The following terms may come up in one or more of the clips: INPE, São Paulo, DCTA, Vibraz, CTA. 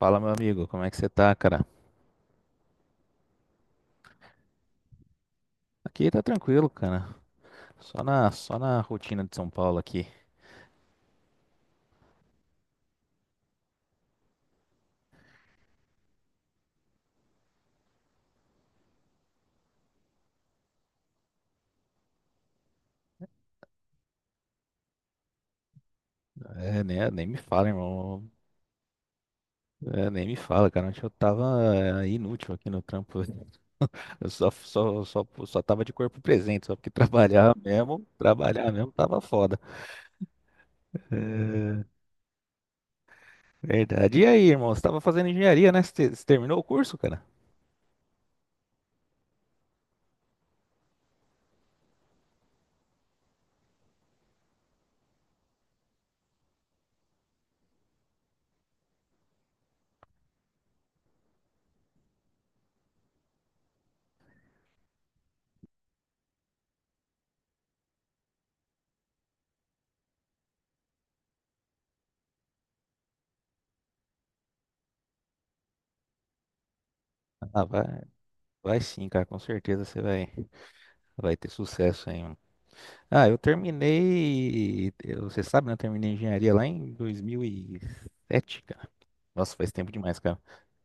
Fala, meu amigo, como é que você tá, cara? Aqui tá tranquilo, cara. Só na rotina de São Paulo aqui. É, né? Nem me fala, irmão. É, nem me fala, cara. Ontem eu tava inútil aqui no trampo. Eu só tava de corpo presente, só porque trabalhar mesmo tava foda. É, verdade. E aí, irmão? Você tava fazendo engenharia, né? Você terminou o curso, cara? Ah, vai sim, cara. Com certeza você vai ter sucesso aí. Você sabe, né? Eu terminei engenharia lá em 2007, cara. Nossa, faz tempo demais, cara.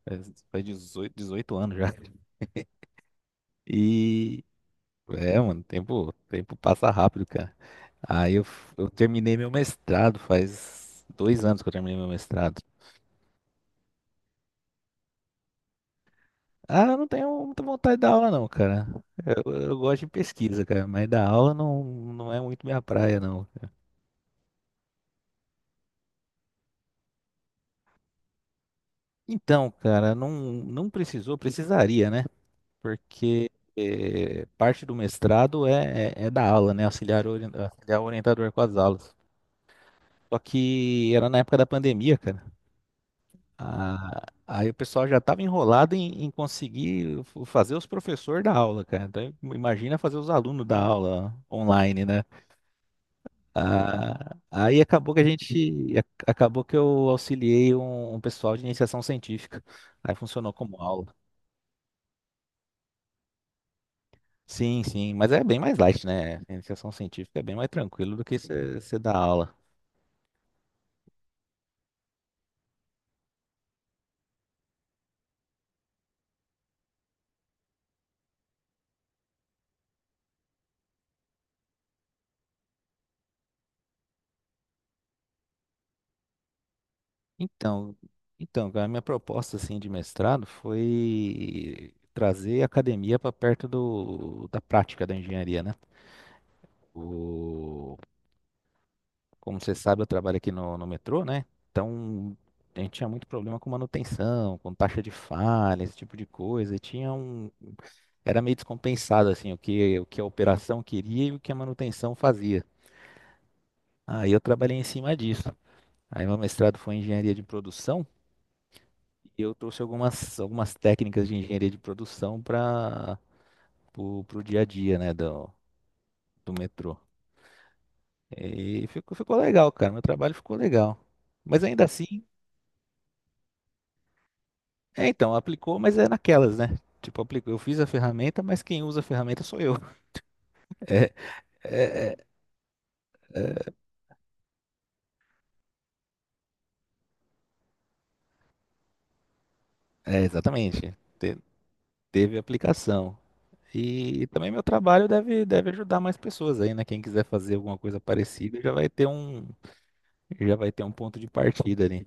Faz 18 anos já. E é, mano, tempo passa rápido, cara. Eu terminei meu mestrado, faz 2 anos que eu terminei meu mestrado. Ah, eu não tenho muita vontade de dar aula, não, cara. Eu gosto de pesquisa, cara, mas dar aula não é muito minha praia, não. Então, cara, não precisou, precisaria, né? Porque parte do mestrado é da aula, né? Auxiliar orientador com as aulas. Só que era na época da pandemia, cara. Ah, aí o pessoal já estava enrolado em conseguir fazer os professores da aula, cara. Então, imagina fazer os alunos da aula online, né? Ah, aí acabou que a gente, acabou que eu auxiliei um pessoal de iniciação científica. Aí funcionou como aula. Sim, sim, mas é bem mais light, né? A iniciação científica é bem mais tranquilo do que você dar aula. Então, então, a minha proposta assim de mestrado foi trazer a academia para perto do, da prática da engenharia, né? O, como você sabe, eu trabalho aqui no metrô, né? Então, a gente tinha muito problema com manutenção, com taxa de falha, esse tipo de coisa. E tinha era meio descompensado assim o que a operação queria e o que a manutenção fazia. Aí eu trabalhei em cima disso. Aí meu mestrado foi em engenharia de produção e eu trouxe algumas técnicas de engenharia de produção para o dia a dia, né, do metrô. E ficou legal, cara. Meu trabalho ficou legal. Mas ainda assim, é então, aplicou, mas é naquelas, né? Tipo, aplicou, eu fiz a ferramenta, mas quem usa a ferramenta sou eu. É, é, é, exatamente. Teve aplicação. E também meu trabalho deve ajudar mais pessoas aí, né? Quem quiser fazer alguma coisa parecida já vai ter um, já vai ter um ponto de partida ali.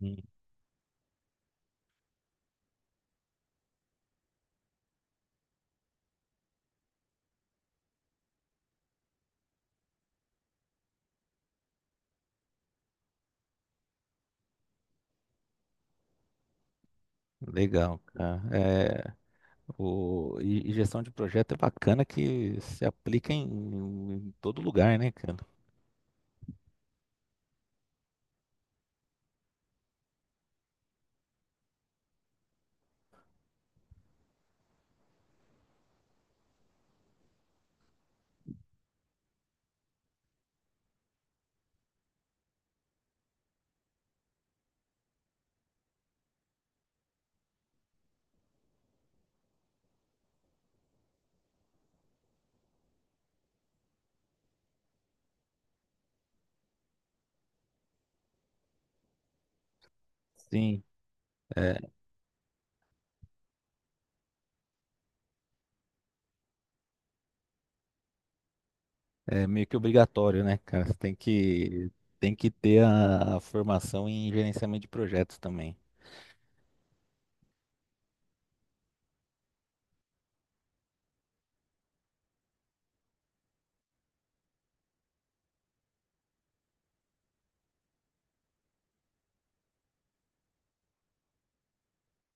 Sim. Legal, cara. E gestão de projeto é bacana que se aplica em todo lugar, né, cara? Sim. É, é meio que obrigatório, né, cara? Você tem tem que ter a formação em gerenciamento de projetos também.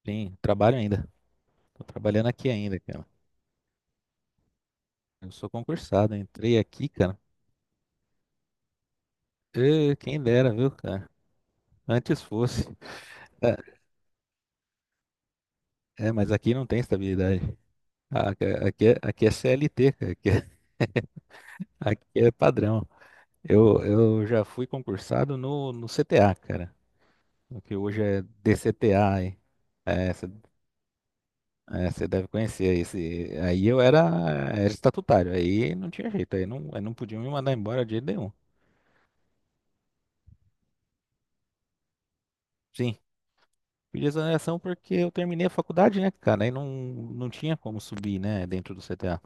Sim, trabalho ainda. Tô trabalhando aqui ainda, cara. Eu sou concursado, entrei aqui, cara. Ê, quem dera, viu, cara? Antes fosse. É, é, mas aqui não tem estabilidade. Ah, aqui é CLT, cara. Aqui é, aqui é padrão. Eu já fui concursado no CTA, cara. O que hoje é DCTA. Aí. É, você deve conhecer esse. Aí eu era, era estatutário. Aí não tinha jeito. Aí não podiam me mandar embora de jeito nenhum. Sim, pedi exoneração porque eu terminei a faculdade, né, cara? Aí não, não tinha como subir, né, dentro do CTA.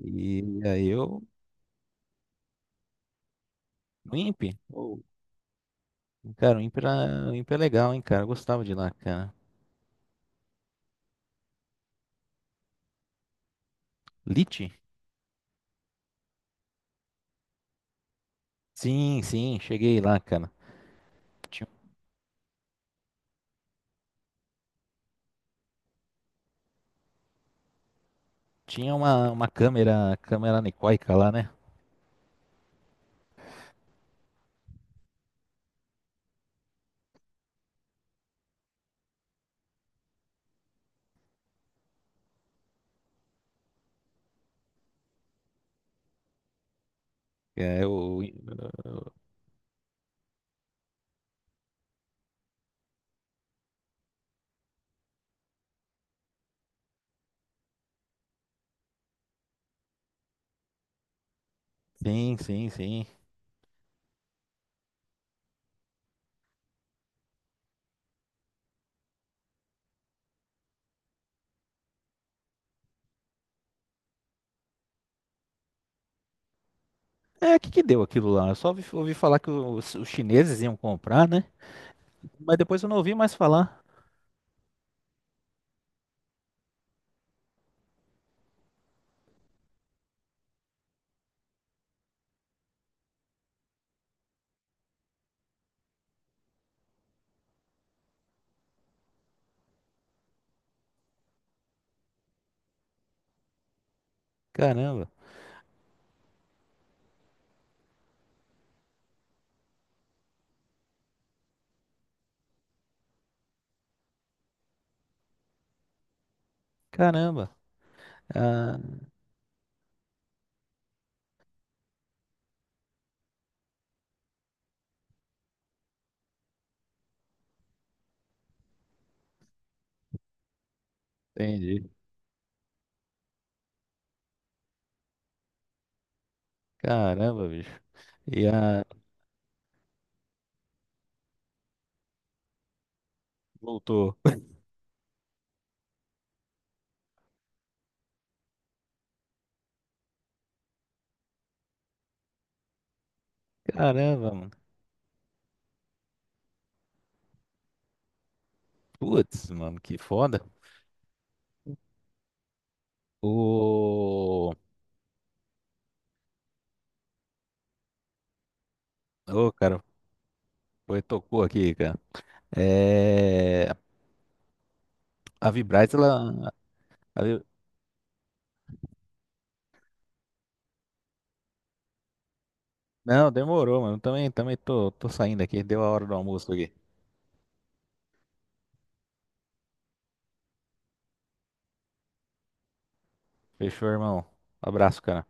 E aí eu, no INPE. Ô, cara, o INPE, era, o INPE é legal, hein, cara? Eu gostava de ir lá, cara. Lite? Sim, sim, cheguei lá, cara. Tinha, tinha uma câmera, câmera anecoica lá, né? É, o, sim, sim. É, o que que deu aquilo lá? Eu só ouvi, ouvi falar que os chineses iam comprar, né? Mas depois eu não ouvi mais falar. Caramba, caramba. Ah, entendi. Caramba, bicho. E a... Voltou. Caramba, mano. Putz, mano, que foda. O... Ô, cara, foi, tocou aqui, cara. É... A Vibraz, ela. A Vi- Não, demorou, mano. Também, tô saindo aqui. Deu a hora do almoço aqui. Fechou, irmão. Abraço, cara.